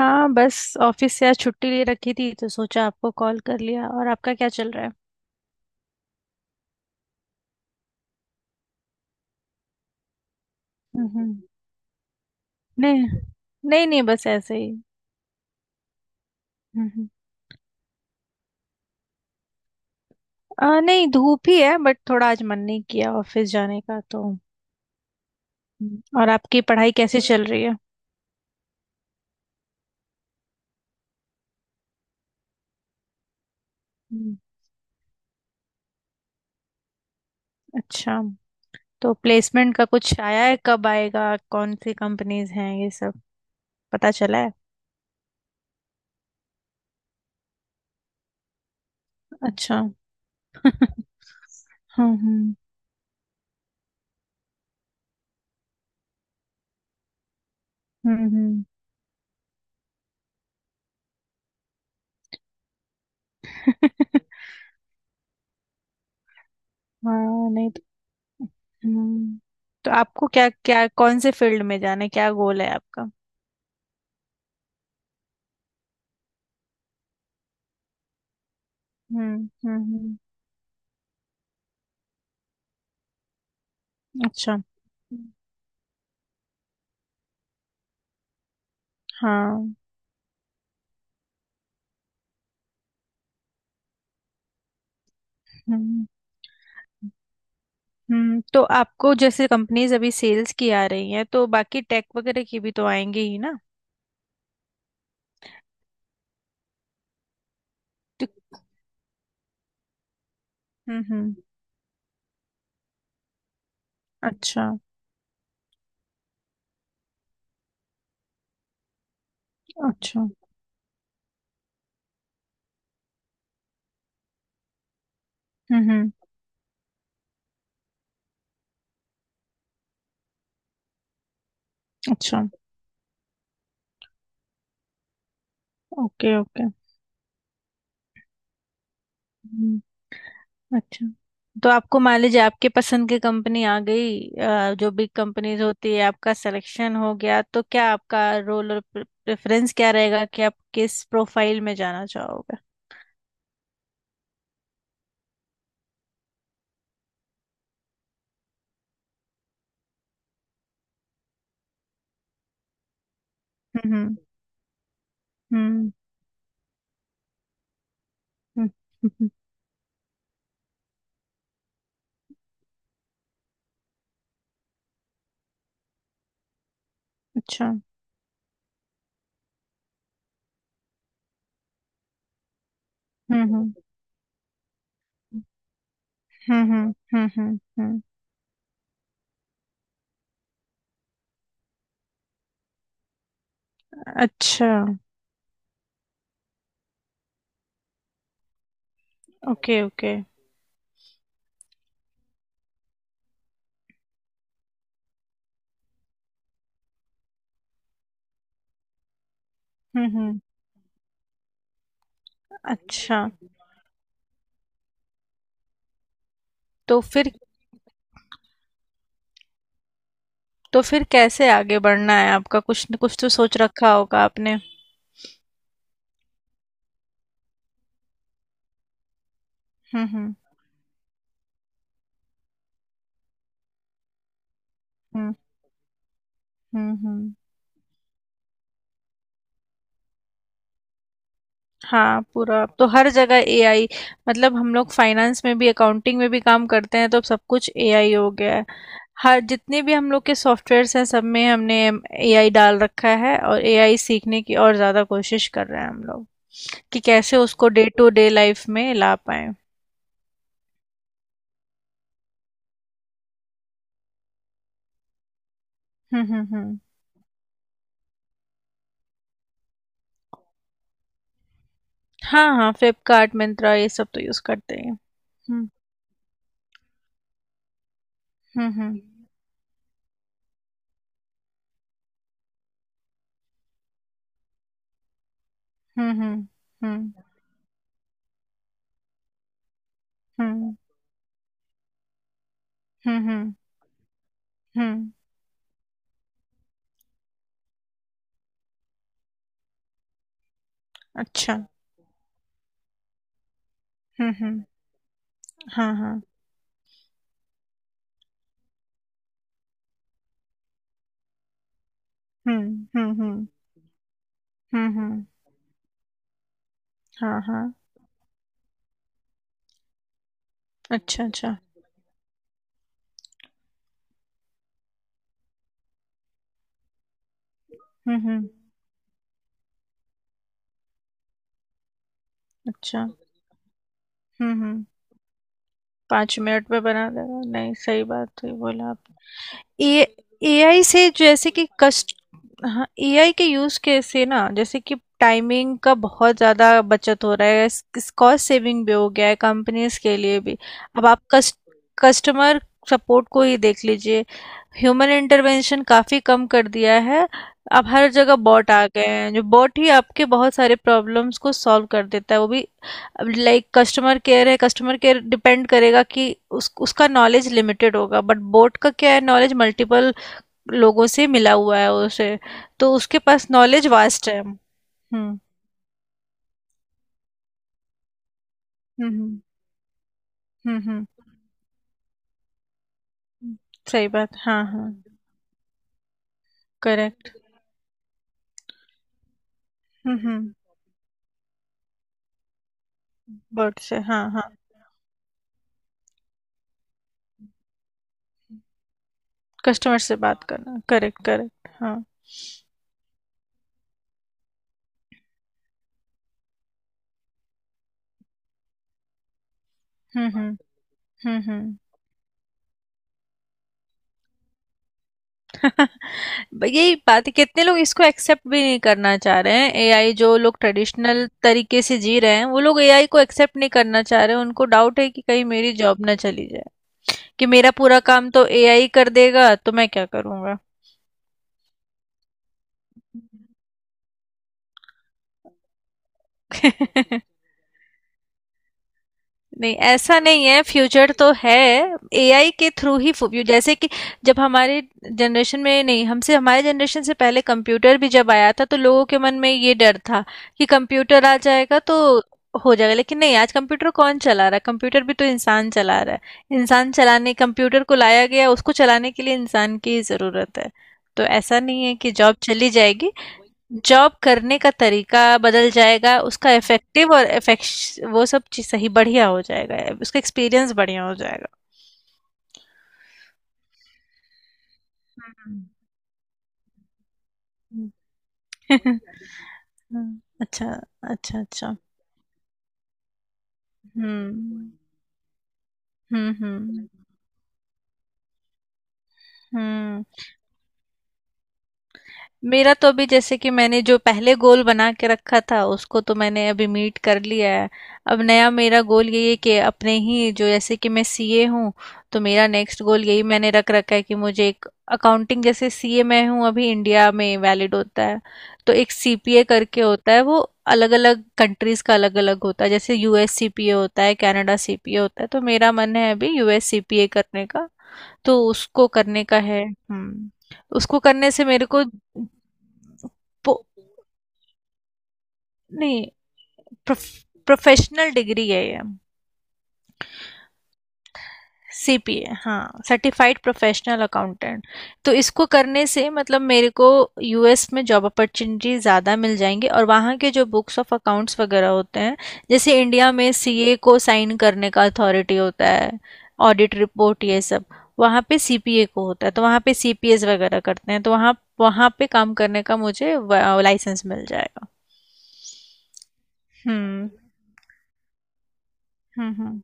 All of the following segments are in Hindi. हाँ, बस ऑफिस से आज छुट्टी ले रखी थी तो सोचा आपको कॉल कर लिया। और आपका क्या चल रहा है? हम्म। नहीं, नहीं, नहीं, बस ऐसे ही। हम्म। नहीं, धूप ही है बट थोड़ा आज मन नहीं किया ऑफिस जाने का तो। हम्म। और आपकी पढ़ाई कैसे चल रही है? हम्म। अच्छा। तो प्लेसमेंट का कुछ आया है? कब आएगा? कौन सी कंपनीज हैं ये सब पता चला है? अच्छा। हम्म। हम्म। हम्म। हम्म। हाँ, नहीं। हम्म। तो आपको क्या क्या, कौन से फील्ड में जाना है? क्या गोल है आपका? हम्म। हम्म। हम्म। अच्छा। हाँ। हम्म। हम्म। तो आपको जैसे कंपनीज अभी सेल्स की आ रही हैं तो बाकी टेक वगैरह की भी तो आएंगी ही ना। तो- हम्म। हम्म। अच्छा। अच्छा। हम्म। हम्म। अच्छा। ओके। ओके। अच्छा। तो आपको मान लीजिए आपके पसंद की कंपनी आ गई, जो बिग कंपनीज होती है, आपका सिलेक्शन हो गया, तो क्या आपका रोल और प्रेफरेंस क्या रहेगा कि आप किस प्रोफाइल में जाना चाहोगे? हम्म। हम्म। हम्म। हम्म। अच्छा। हम्म। हम्म। हम्म। हम्म। हम्म। हम्म। हम्म। अच्छा। ओके। ओके। हम्म। हम्म। अच्छा। तो फिर तो फिर कैसे आगे बढ़ना है आपका? कुछ न कुछ तो सोच रखा होगा आपने। हम्म। हम्म। हम्म। हम्म। हम्म। हाँ, पूरा अब तो हर जगह एआई। मतलब हम लोग फाइनेंस में भी अकाउंटिंग में भी काम करते हैं तो अब सब कुछ एआई हो गया है। हर जितने भी हम लोग के सॉफ्टवेयर्स हैं, सब में हमने एआई डाल रखा है, और एआई सीखने की और ज़्यादा कोशिश कर रहे हैं हम लोग। कि कैसे उसको डे टू डे लाइफ में ला पाए। हम्म। हम्म। हम्म। हाँ, हाँ, फ्लिपकार्ट, मिंत्रा, ये सब तो यूज़ करते हैं। हम्म। हम्म। हम्म। हम्म। हम्म। हम्म। हम्म। हम्म। हम्म। हम्म। अच्छा। हम्म। हम्म। हाँ। हाँ। हम्म। हम्म। हम्म। हुँ। हुँ। हाँ। हाँ। अच्छा। अच्छा। हुँ। हुँ। अच्छा। हुँ। हुँ। 5 मिनट में बना देगा। नहीं, सही बात है, बोला। ए एआई से जैसे कि कस्ट हाँ, एआई के यूज कैसे ना, जैसे कि टाइमिंग का बहुत ज़्यादा बचत हो रहा है, इस कॉस्ट सेविंग भी हो गया है कंपनीज के लिए भी। अब आप कस्टमर सपोर्ट को ही देख लीजिए। ह्यूमन इंटरवेंशन काफ़ी कम कर दिया है। अब हर जगह बॉट आ गए हैं, जो बॉट ही आपके बहुत सारे प्रॉब्लम्स को सॉल्व कर देता है, वो भी। अब लाइक कस्टमर केयर है, कस्टमर केयर डिपेंड करेगा कि उस उसका नॉलेज लिमिटेड होगा, बट बोट का क्या है, नॉलेज मल्टीपल लोगों से मिला हुआ है उसे। तो उसके पास नॉलेज वास्ट है। हम्म। हम्म। हम्म। हम्म। हम्म। सही बात, हाँ, हाँ। करेक्ट। हम्म। हम्म। बोट से, हाँ, हाँ। कस्टमर से बात करना, करेक्ट, करेक्ट, हाँ। हम्म। हम्म। हम्म। हम्म। यही बात है, कितने लोग इसको एक्सेप्ट भी नहीं करना चाह रहे हैं एआई। जो लोग ट्रेडिशनल तरीके से जी रहे हैं वो लोग एआई को एक्सेप्ट नहीं करना चाह रहे हैं, उनको डाउट है कि कहीं मेरी जॉब ना चली जाए। कि मेरा पूरा काम तो एआई कर देगा तो मैं क्या करूंगा? नहीं, ऐसा नहीं है, फ्यूचर तो है। एआई के थ्रू ही जैसे कि जब हमारे जनरेशन में नहीं, हमसे, हमारे जनरेशन से पहले कंप्यूटर भी जब आया था तो लोगों के मन में ये डर था कि कंप्यूटर आ जाएगा तो हो जाएगा, लेकिन नहीं, आज कंप्यूटर कौन चला रहा है? कंप्यूटर भी तो इंसान चला रहा है। इंसान चलाने कंप्यूटर को लाया गया, उसको चलाने के लिए इंसान की ही जरूरत है। तो ऐसा नहीं है कि जॉब चली जाएगी। जॉब करने का तरीका बदल जाएगा, उसका इफेक्टिव और इफेक्श वो सब चीज़ सही बढ़िया हो जाएगा, उसका एक्सपीरियंस बढ़िया हो जाएगा। हुँ। हुँ। हुँ। हुँ। अच्छा, अच्छा, अच्छा। हुँ। हुँ। हुँ। हुँ। मेरा तो अभी जैसे कि मैंने जो पहले गोल बना के रखा था, उसको तो मैंने अभी मीट कर लिया है। अब नया मेरा गोल यही है कि अपने ही जो, जैसे कि मैं सीए हूँ, तो मेरा नेक्स्ट गोल यही मैंने रख रखा है कि मुझे एक अकाउंटिंग, जैसे सीए मैं हूँ अभी इंडिया में वैलिड होता है, तो एक सीपीए करके होता है वो। अलग अलग कंट्रीज का अलग अलग होता है, जैसे यूएस सीपीए होता है, कनाडा सीपीए होता है, तो मेरा मन है अभी यूएस सीपीए करने का। तो उसको करने का है। हम्म। उसको करने से मेरे को, पो- नहीं, प्रोफेशनल डिग्री है ये। सीपीए, हाँ, सर्टिफाइड प्रोफेशनल अकाउंटेंट। तो इसको करने से मतलब मेरे को यूएस में जॉब अपॉर्चुनिटी ज़्यादा मिल जाएंगी, और वहाँ के जो बुक्स ऑफ अकाउंट्स वगैरह होते हैं, जैसे इंडिया में सीए को साइन करने का अथॉरिटी होता है, ऑडिट रिपोर्ट ये सब, वहाँ पे सीपीए को होता है, तो वहाँ पे सीपीएस वगैरह करते हैं, तो वहाँ, वहाँ पे काम करने का मुझे लाइसेंस मिल जाएगा। हम्म। हम्म। हम्म।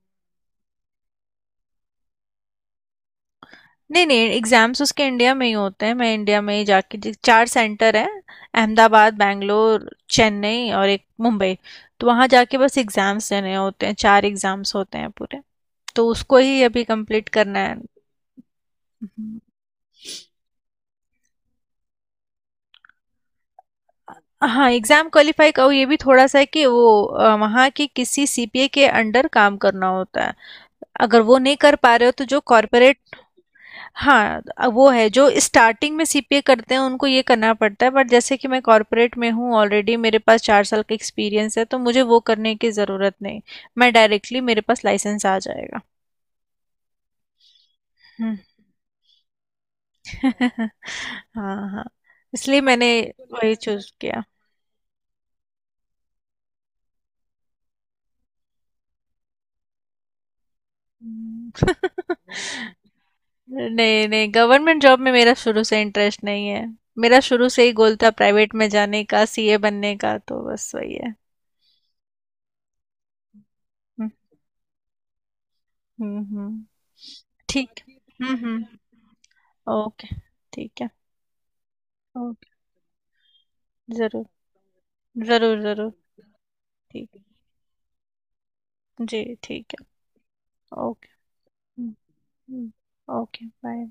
नहीं, नहीं, एग्जाम्स उसके इंडिया में ही होते हैं, मैं इंडिया में ही जाके चार सेंटर हैं: अहमदाबाद, बैंगलोर, चेन्नई और एक मुंबई। तो वहाँ जाके बस एग्जाम्स देने होते हैं, चार एग्जाम्स होते हैं पूरे। तो उसको ही अभी कंप्लीट करना है। हम्म। हाँ, एग्जाम क्वालिफाई का ये भी थोड़ा सा है कि वो, वहाँ की किसी सीपीए के अंडर काम करना होता है, अगर वो नहीं कर पा रहे हो तो जो। हाँ, वो है, जो स्टार्टिंग में सीपीए करते हैं उनको ये करना पड़ता है, बट जैसे कि मैं कॉर्पोरेट में हूँ ऑलरेडी, मेरे पास 4 साल का एक्सपीरियंस है, तो मुझे वो करने की ज़रूरत नहीं। मैं डायरेक्टली, मेरे पास लाइसेंस आ जाएगा। हम्म। हाँ, हाँ, इसलिए मैंने वही चूज किया। हम्म। नहीं, नहीं, गवर्नमेंट जॉब में मेरा शुरू से इंटरेस्ट नहीं है। मेरा शुरू से ही गोल था प्राइवेट में जाने का, सीए बनने का, तो बस वही है। हम्म। हम्म। हम्म। ठीक। हम्म। हम्म। ओके। ठीक है। ओके। जरूर, जरूर, जरूर। ठीक, जी, ठीक है। ओके। हम्म। हम्म। Okay, bye.